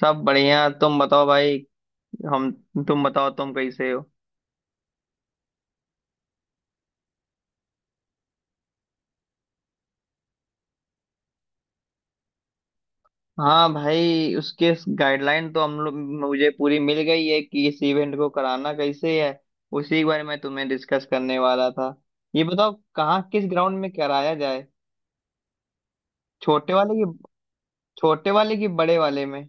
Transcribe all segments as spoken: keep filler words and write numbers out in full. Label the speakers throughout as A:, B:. A: सब बढ़िया। तुम बताओ भाई। हम तुम बताओ, तुम कैसे हो? हाँ भाई, उसके गाइडलाइन तो हम लोग, मुझे पूरी मिल गई है कि इस इवेंट को कराना कैसे है। उसी के बारे में तुम्हें डिस्कस करने वाला था। ये बताओ कहाँ, किस ग्राउंड में कराया जाए? छोटे वाले की छोटे वाले की बड़े वाले में?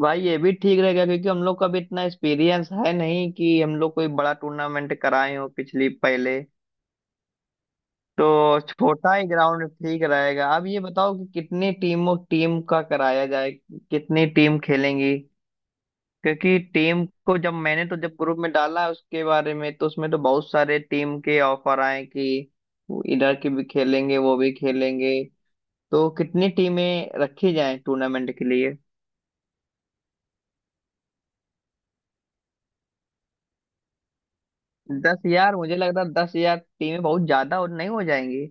A: भाई ये भी ठीक रहेगा, क्योंकि हम लोग का भी इतना एक्सपीरियंस है नहीं कि हम लोग कोई बड़ा टूर्नामेंट कराए हो पिछली पहले। तो छोटा ही ग्राउंड ठीक रहेगा। अब ये बताओ कि कितनी टीमों टीम का कराया जाए, कितनी टीम खेलेंगी? क्योंकि टीम को, जब मैंने तो जब ग्रुप में डाला उसके बारे में, तो उसमें तो बहुत सारे टीम के ऑफर आए कि वो इधर के भी खेलेंगे, वो भी खेलेंगे। तो कितनी टीमें रखी जाएं टूर्नामेंट के लिए? दस? यार मुझे लग रहा है दस यार टीमें बहुत ज्यादा और नहीं हो जाएंगी।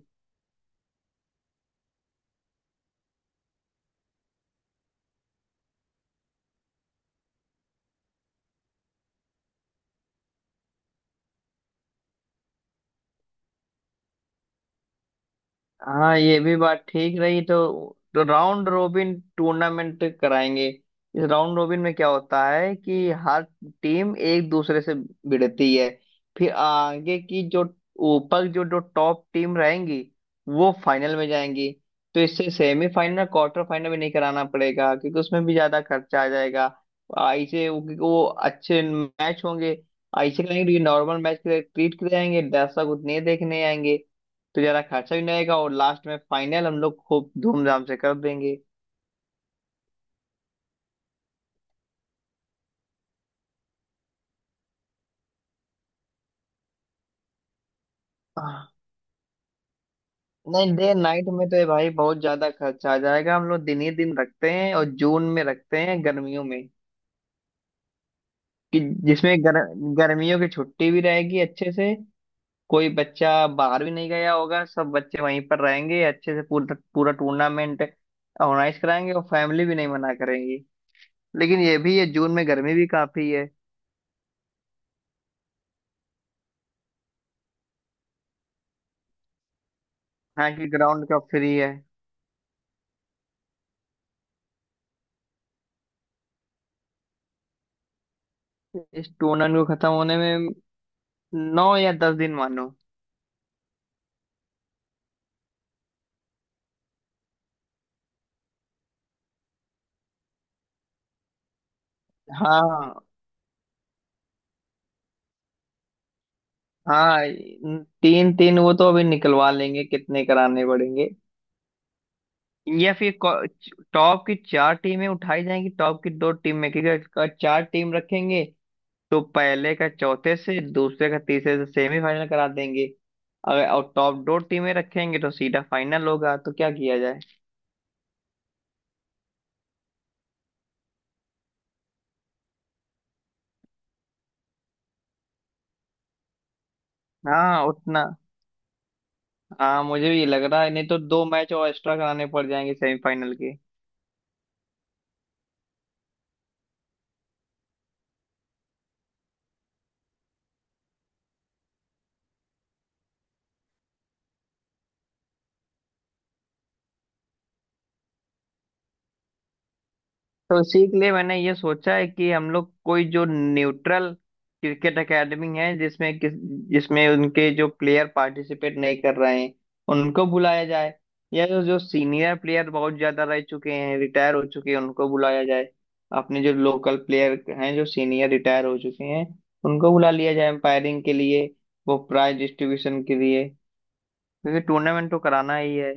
A: हाँ ये भी बात ठीक रही। तो, तो राउंड रोबिन टूर्नामेंट कराएंगे। इस राउंड रोबिन में क्या होता है कि हर टीम एक दूसरे से भिड़ती है। फिर आगे की जो ऊपर जो जो टॉप टीम रहेंगी वो फाइनल में जाएंगी। तो इससे सेमीफाइनल क्वार्टर फाइनल भी नहीं कराना पड़ेगा, क्योंकि उसमें भी ज्यादा खर्चा आ जाएगा। ऐसे वो, क्योंकि वो अच्छे मैच होंगे। ऐसे करेंगे, नॉर्मल मैच ट्रीट कराएंगे, दर्शक उतने देखने आएंगे। तो ज्यादा खर्चा भी नहीं आएगा और लास्ट में फाइनल हम लोग खूब धूमधाम से कर देंगे। आह, नहीं, डे नाइट में तो ये भाई बहुत ज्यादा खर्चा आ जाएगा। हम लोग दिन ही दिन रखते हैं और जून में रखते हैं, गर्मियों में। कि जिसमें गर, गर्मियों की छुट्टी भी रहेगी अच्छे से। कोई बच्चा बाहर भी नहीं गया होगा, सब बच्चे वहीं पर रहेंगे, अच्छे से पूरा पूरा टूर्नामेंट ऑर्गेनाइज कराएंगे, और फैमिली भी नहीं मना करेंगी। लेकिन ये भी है, जून में गर्मी भी काफी है। हाँ, कि ग्राउंड का फ्री है। इस टूर्नामेंट को खत्म होने में नौ या दस दिन मानो। हाँ। हाँ, तीन तीन वो तो अभी निकलवा लेंगे कितने कराने पड़ेंगे। या फिर को- टॉप की चार टीमें उठाई जाएंगी, टॉप की दो टीम में, क्योंकि अगर चार टीम रखेंगे तो पहले का चौथे से, दूसरे का तीसरे से सेमीफाइनल करा देंगे। अगर और टॉप दो टीमें रखेंगे तो सीधा फाइनल होगा। तो क्या किया जाए? हाँ उतना। हाँ मुझे भी ये लग रहा है, नहीं तो दो मैच और एक्स्ट्रा कराने पड़ जाएंगे सेमीफाइनल के। तो उसी के लिए मैंने ये सोचा है कि हम लोग कोई जो न्यूट्रल क्रिकेट एकेडमी है, जिसमें किस जिसमें उनके जो प्लेयर पार्टिसिपेट नहीं कर रहे हैं उनको बुलाया जाए। या जो जो सीनियर प्लेयर बहुत ज्यादा रह चुके हैं, रिटायर हो चुके हैं, उनको बुलाया जाए। अपने जो लोकल प्लेयर हैं, जो सीनियर रिटायर हो चुके हैं, उनको बुला लिया जाए एम्पायरिंग के लिए, वो प्राइज डिस्ट्रीब्यूशन के लिए। क्योंकि टूर्नामेंट तो कराना ही है।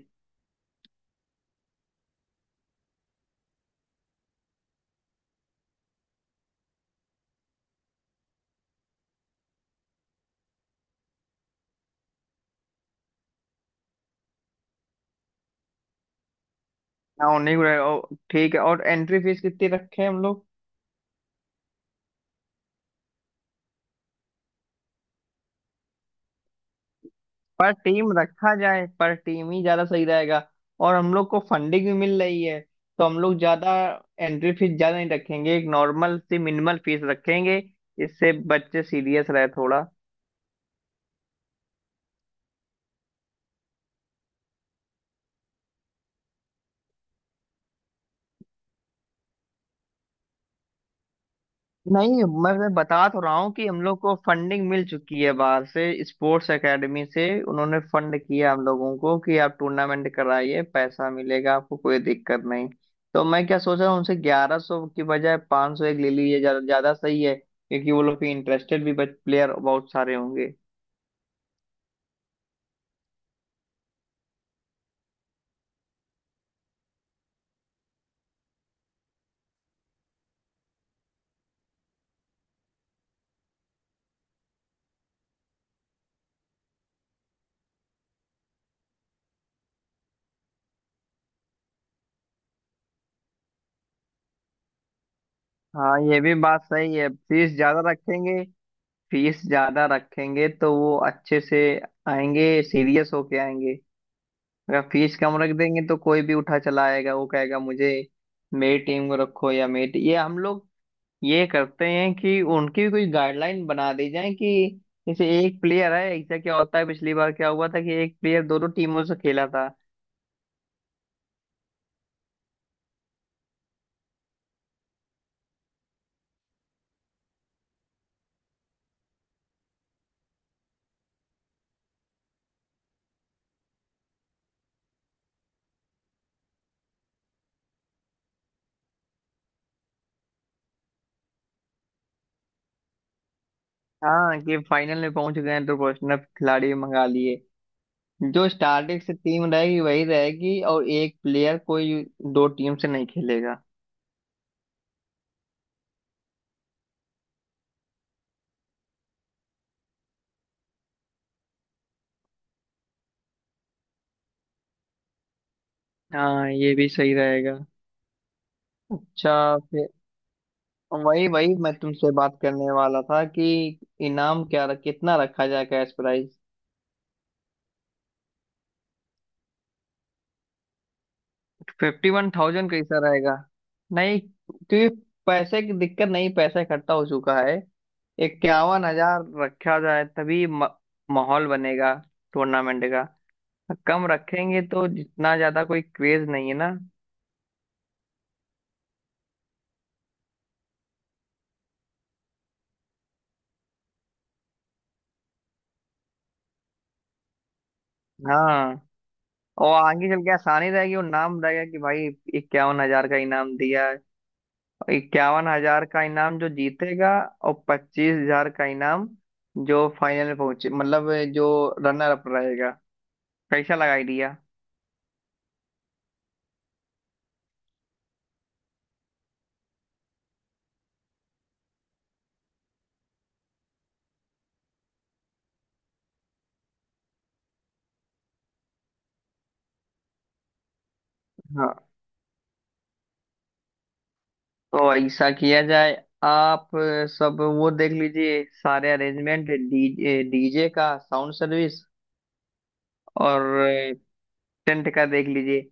A: हाँ, उन्हीं को। और ठीक है, और एंट्री फीस कितनी रखे हैं हम लोग? पर टीम रखा जाए, पर टीम ही ज्यादा सही रहेगा। और हम लोग को फंडिंग भी मिल रही है, तो हम लोग ज्यादा एंट्री फीस ज्यादा नहीं रखेंगे। एक नॉर्मल सी मिनिमल फीस रखेंगे, इससे बच्चे सीरियस रहे थोड़ा। नहीं, मैं मैं बता तो रहा हूँ कि हम लोग को फंडिंग मिल चुकी है, बाहर से स्पोर्ट्स एकेडमी से उन्होंने फंड किया हम लोगों को कि आप टूर्नामेंट कराइए, पैसा मिलेगा, आपको कोई दिक्कत नहीं। तो मैं क्या सोच रहा हूँ, उनसे ग्यारह सौ की बजाय पाँच सौ एक ले लीजिए, ज्यादा ज्यादा सही है, क्योंकि वो लोग के इंटरेस्टेड भी प्लेयर बहुत सारे होंगे। हाँ ये भी बात सही है, फीस ज्यादा रखेंगे। फीस ज्यादा रखेंगे तो वो अच्छे से आएंगे, सीरियस होके आएंगे। अगर फीस कम रख देंगे तो कोई भी उठा चला आएगा, वो कहेगा मुझे मेरी टीम को रखो, या मेरी टी- ये हम लोग ये करते हैं कि उनकी भी कोई गाइडलाइन बना दी जाए कि जैसे एक प्लेयर है, ऐसा क्या होता है, पिछली बार क्या हुआ था कि एक प्लेयर दोनों टीमों से खेला था। हाँ, कि फाइनल में पहुंच गए हैं तो प्रोफेशनल खिलाड़ी मंगा लिए। जो स्टार्टिंग से टीम रहेगी वही रहेगी, और एक प्लेयर कोई दो टीम से नहीं खेलेगा। हाँ, ये भी सही रहेगा। अच्छा, वही वही मैं तुमसे बात करने वाला था कि इनाम क्या रख, कितना रखा जाए, cash price? Fifty one thousand कैसा रहेगा? नहीं, क्योंकि पैसे की दिक्कत नहीं, पैसा इकट्ठा हो चुका है। इक्यावन हजार रखा जाए, तभी म- माहौल बनेगा टूर्नामेंट का। कम रखेंगे तो जितना ज्यादा कोई क्रेज नहीं है ना। हाँ। और आगे चल के आसानी रहेगी और नाम रहेगा कि भाई इक्यावन हजार का इनाम दिया। इक्यावन हजार का इनाम जो जीतेगा, और पच्चीस हजार का इनाम जो फाइनल में पहुंचे, मतलब जो रनर अप रहेगा। कैसा लगा आइडिया? हाँ, तो ऐसा किया जाए। आप सब वो देख लीजिए, सारे अरेंजमेंट, डीजे डीजे का साउंड सर्विस और टेंट का देख लीजिए।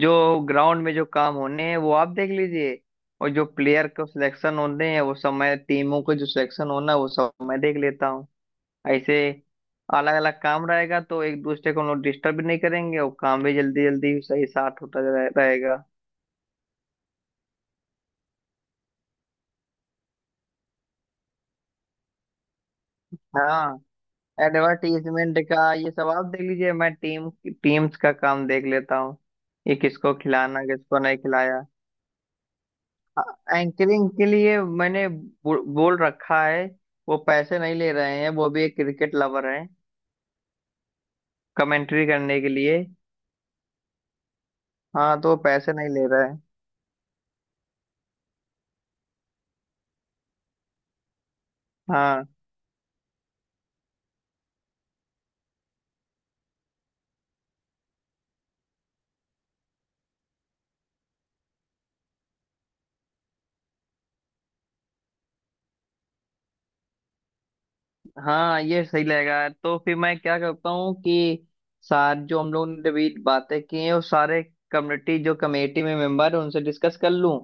A: जो ग्राउंड में जो काम होने हैं वो आप देख लीजिए। और जो प्लेयर को सिलेक्शन होने हैं वो सब मैं, टीमों को जो सिलेक्शन होना है वो सब मैं देख लेता हूँ। ऐसे अलग अलग काम रहेगा तो एक दूसरे को हम लोग डिस्टर्ब भी नहीं करेंगे, और काम भी जल्दी जल्दी सही साथ होता रहे- रहेगा। हाँ। एडवर्टीजमेंट का ये सब आप देख लीजिए, मैं टीम टीम्स का काम देख लेता हूँ। ये किसको खिलाना, किसको नहीं खिलाया। एंकरिंग के लिए मैंने बो, बोल रखा है, वो पैसे नहीं ले रहे हैं, वो भी एक क्रिकेट लवर है, कमेंट्री करने के लिए। हाँ, तो वो पैसे नहीं ले रहे हैं। हाँ। हाँ, ये सही लगेगा। तो फिर मैं क्या करता हूँ कि सार जो हम लोगों ने अभी बातें की हैं वो सारे कम्युनिटी जो कमेटी में मेंबर है उनसे डिस्कस कर लूँ।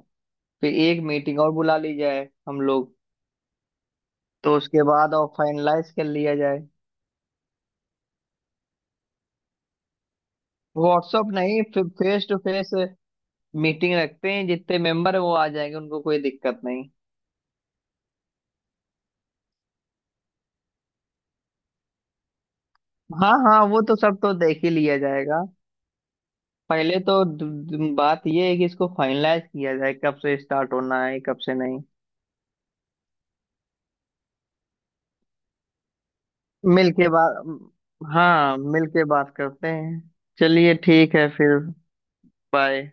A: फिर एक मीटिंग और बुला ली जाए हम लोग, तो उसके बाद और फाइनलाइज कर लिया जाए। व्हाट्सअप नहीं, फिर फेस टू फेस मीटिंग रखते हैं, जितने मेंबर है वो आ जाएंगे, उनको कोई दिक्कत नहीं। हाँ हाँ, वो तो सब तो देख ही लिया जाएगा। पहले तो द- द- बात ये है कि इसको फाइनलाइज किया जाए, कब से स्टार्ट होना है, कब से नहीं। मिल के बात, हाँ, मिल के बात करते हैं। चलिए ठीक है फिर। बाय।